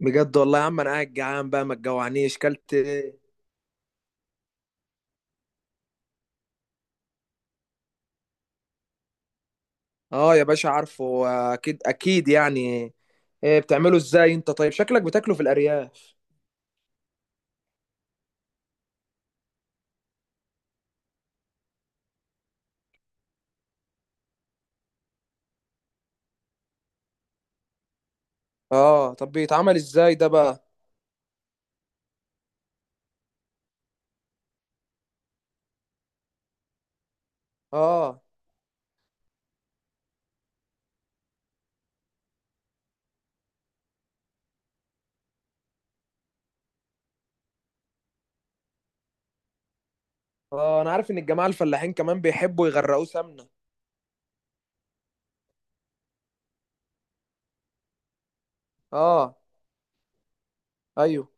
بجد والله يا عم، انا قاعد جعان بقى، ما تجوعنيش. كلت إيه؟ اه يا باشا، عارفه. اكيد اكيد، يعني إيه بتعمله ازاي انت؟ طيب شكلك بتاكله في الارياف. اه، طب بيتعمل ازاي ده بقى؟ اه اه، انا عارف ان الجماعه الفلاحين كمان بيحبوا يغرقوه سمنه. اه، ايوه.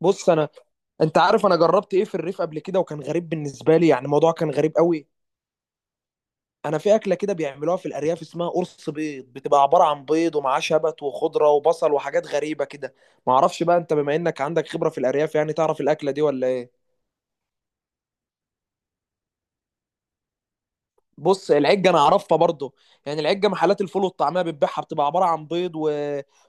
بص، انت عارف انا جربت ايه في الريف قبل كده؟ وكان غريب بالنسبه لي، يعني الموضوع كان غريب قوي. انا في اكله كده بيعملوها في الارياف اسمها قرص بيض، بتبقى عباره عن بيض ومعاه شبت وخضره وبصل وحاجات غريبه كده. ما اعرفش بقى، انت بما انك عندك خبره في الارياف، يعني تعرف الاكله دي ولا ايه؟ بص، العجه انا اعرفها برضو. يعني العجه محلات الفول والطعميه بتبيعها، بتبقى عباره عن بيض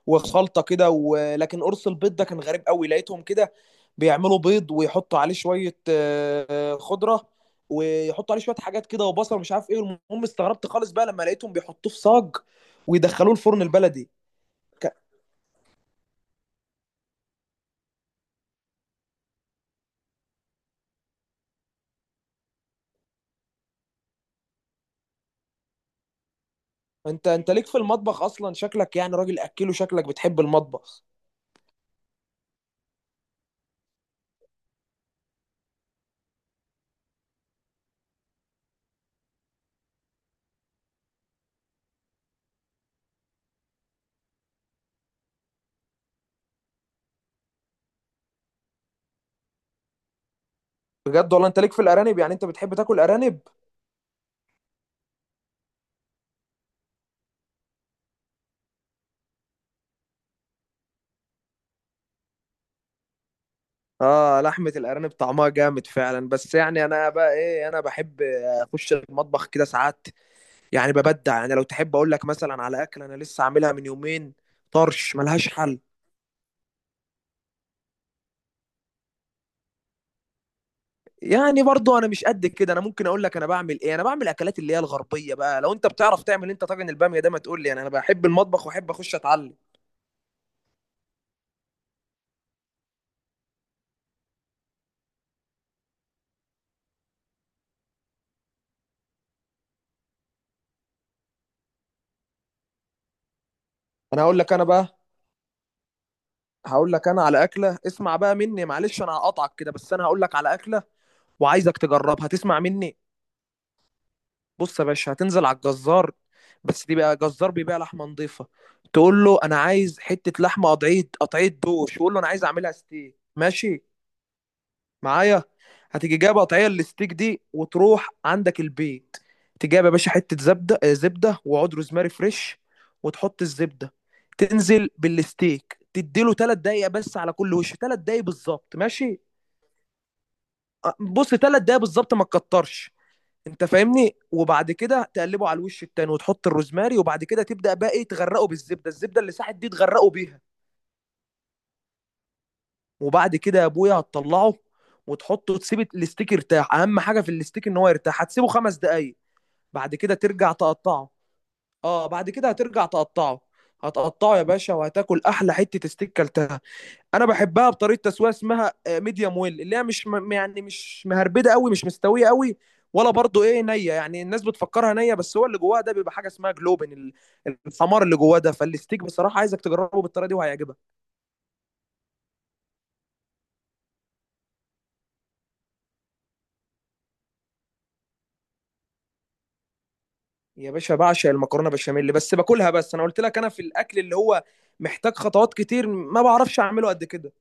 وخلطه كده، لكن قرص البيض ده كان غريب قوي، لقيتهم كده بيعملوا بيض ويحطوا عليه شويه خضره، ويحطوا عليه شويه حاجات كده وبصل ومش عارف ايه. المهم استغربت خالص بقى لما لقيتهم بيحطوه في صاج ويدخلوه الفرن البلدي. ك... انت ليك في المطبخ اصلا، شكلك يعني راجل اكله، شكلك بتحب المطبخ. بجد والله، انت ليك في الارانب؟ يعني انت بتحب تاكل ارانب؟ اه، لحمة الارانب طعمها جامد فعلا. بس يعني انا بقى ايه، انا بحب اخش المطبخ كده ساعات. يعني ببدع يعني، لو تحب اقول لك مثلا على اكل انا لسه عاملها من يومين. طرش ملهاش حل، يعني برضو انا مش قد كده. انا ممكن اقول لك انا بعمل ايه. انا بعمل اكلات اللي هي الغربية بقى. لو انت بتعرف تعمل انت طاجن البامية ده ما تقول لي، يعني انا بحب المطبخ واحب اخش اتعلم. انا هقول لك، انا بقى هقول لك انا على اكله. اسمع بقى مني، معلش انا هقطعك كده، بس انا هقول لك على اكله وعايزك تجربها. هتسمع مني. بص يا باشا، هتنزل على الجزار، بس دي بقى جزار بيبيع لحمه نظيفه. تقول له انا عايز حته لحمه قطعيه قطعيه دوش، وقول له انا عايز اعملها ستيك. ماشي معايا؟ هتيجي جايب قطعيه الستيك دي وتروح عندك البيت، تجيب يا باشا حته زبده وعود روزماري فريش. وتحط الزبده، تنزل بالستيك، تديله 3 دقايق بس على كل وش، 3 دقايق بالظبط. ماشي؟ بص، 3 دقايق بالظبط، ما تكترش، انت فاهمني. وبعد كده تقلبه على الوش التاني وتحط الروزماري. وبعد كده تبدا بقى ايه، تغرقه بالزبده، الزبده اللي ساحت دي تغرقه بيها. وبعد كده يا ابويا هتطلعه وتحطه، تسيب الاستيك يرتاح. اهم حاجه في الاستيك ان هو يرتاح، هتسيبه 5 دقايق. بعد كده ترجع تقطعه. اه، بعد كده هترجع تقطعه. هتقطعه يا باشا، وهتاكل احلى حته استيك كلتها. انا بحبها بطريقه تسويه اسمها ميديوم ويل، اللي هي مش يعني مش مهربده قوي، مش مستويه قوي، ولا برضو ايه نيه. يعني الناس بتفكرها نيه، بس هو اللي جواها ده بيبقى حاجه اسمها جلوبن الحمار اللي جواه ده، فالستيك بصراحه عايزك تجربه بالطريقه دي، وهيعجبك. يا باشا، بعشق المكرونه بشاميل بس باكلها. بس انا قلت لك انا في الاكل اللي هو محتاج خطوات كتير، ما بعرفش اعمله قد كده.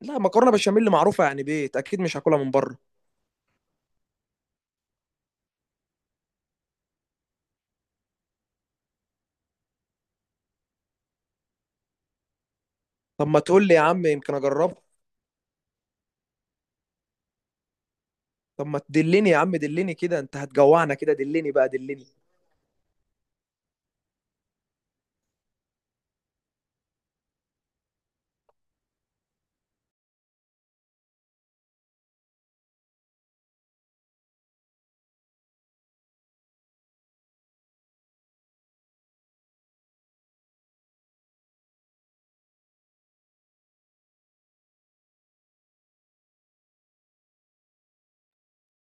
لا، مكرونه بشاميل معروفه يعني، بيت اكيد مش هاكلها من بره. طب ما تقول لي يا عم، يمكن اجربها. طب ما تدلني يا عم، دلني كده، انت هتجوعنا كده، دلني بقى دلني.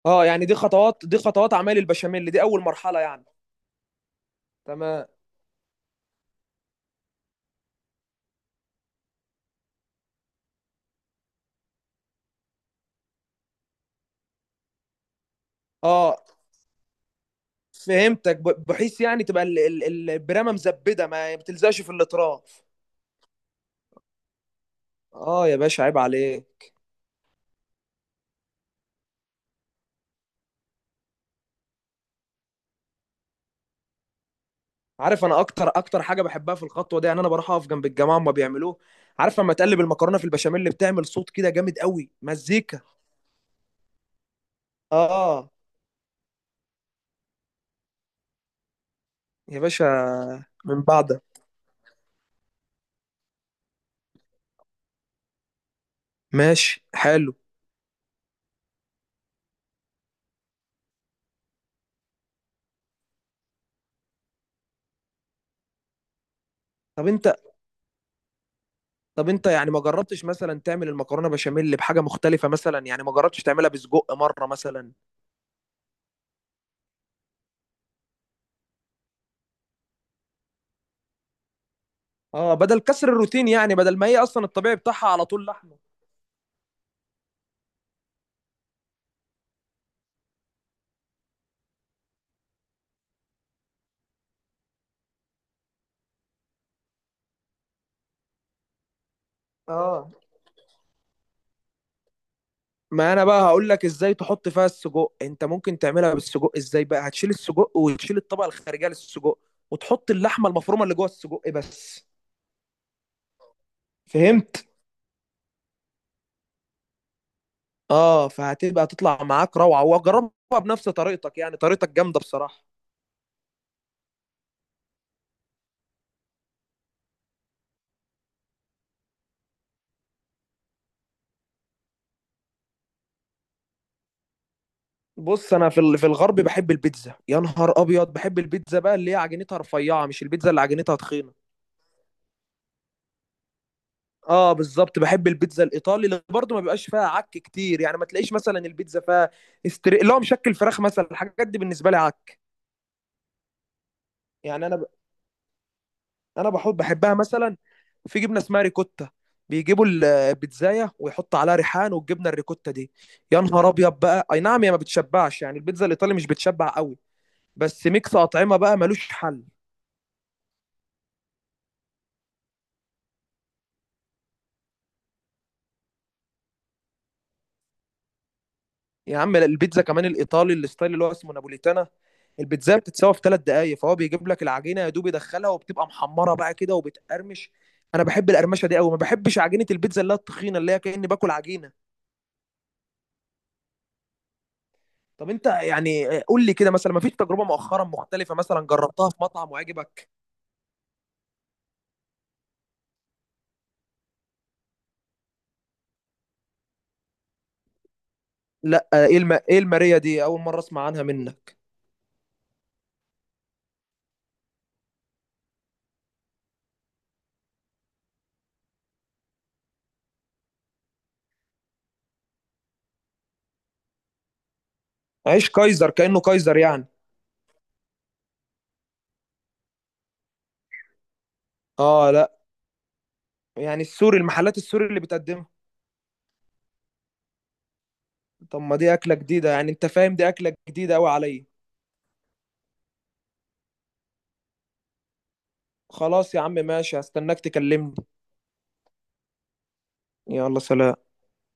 اه، يعني دي خطوات، دي خطوات اعمال البشاميل دي، اول مرحله يعني. تمام. اه، فهمتك، بحيث يعني تبقى البرامه مزبده ما بتلزقش في الاطراف. اه يا باشا، عيب عليك. عارف، انا اكتر اكتر حاجه بحبها في الخطوه دي، يعني انا بروح اقف جنب الجماعه وما بيعملوه. عارف لما تقلب المكرونه في البشاميل، اللي بتعمل صوت كده جامد قوي، مزيكا. اه يا باشا، من بعدها. ماشي، حلو. طب انت طب انت يعني ما جربتش مثلا تعمل المكرونه بشاميل بحاجه مختلفه مثلا؟ يعني ما جربتش تعملها بسجق مره مثلا؟ اه، بدل كسر الروتين، يعني بدل ما هي اصلا الطبيعي بتاعها على طول لحمه. اه، ما انا بقى هقول لك ازاي تحط فيها السجق. انت ممكن تعملها بالسجق ازاي بقى؟ هتشيل السجق وتشيل الطبقه الخارجيه للسجق، وتحط اللحمه المفرومه اللي جوه السجق بس. فهمت. اه، فهتبقى تطلع معاك روعه، وجربها بنفس طريقتك. يعني طريقتك جامده بصراحه. بص انا في في الغرب بحب البيتزا. يا نهار ابيض، بحب البيتزا بقى اللي هي عجينتها رفيعه، مش البيتزا اللي عجينتها تخينه. اه، بالظبط بحب البيتزا الايطالي، اللي برضه ما بيبقاش فيها عك كتير. يعني ما تلاقيش مثلا البيتزا فيها اللي هو مشكل فراخ مثلا. الحاجات دي بالنسبه لي عك. يعني انا بحبها مثلا في جبنه اسمها ريكوتا، بيجيبوا البيتزايه ويحطوا عليها ريحان والجبنه الريكوتا دي. يا نهار ابيض بقى. اي نعم، هي ما بتشبعش يعني، البيتزا الايطالي مش بتشبع قوي، بس ميكس اطعمه بقى ملوش حل. يا عم، البيتزا كمان الايطالي الستايل اللي هو اسمه نابوليتانا، البيتزا بتتسوى في 3 دقايق، فهو بيجيب لك العجينه يا دوب يدخلها وبتبقى محمره بقى كده وبتقرمش. انا بحب القرمشه دي قوي. ما بحبش عجينه البيتزا اللي هي التخينه، اللي هي كاني باكل عجينه. طب انت يعني قول لي كده، مثلا ما فيش تجربه مؤخرا مختلفه مثلا جربتها في مطعم وعجبك؟ لا ايه ايه الماريا دي، اول مره اسمع عنها منك. عيش كايزر، كانه كايزر يعني. اه، لا يعني السوري، المحلات السوري اللي بتقدمها. طب ما دي اكله جديده يعني، انت فاهم دي اكله جديده قوي عليا. خلاص يا عم، ماشي، هستناك تكلمني. يلا، سلام.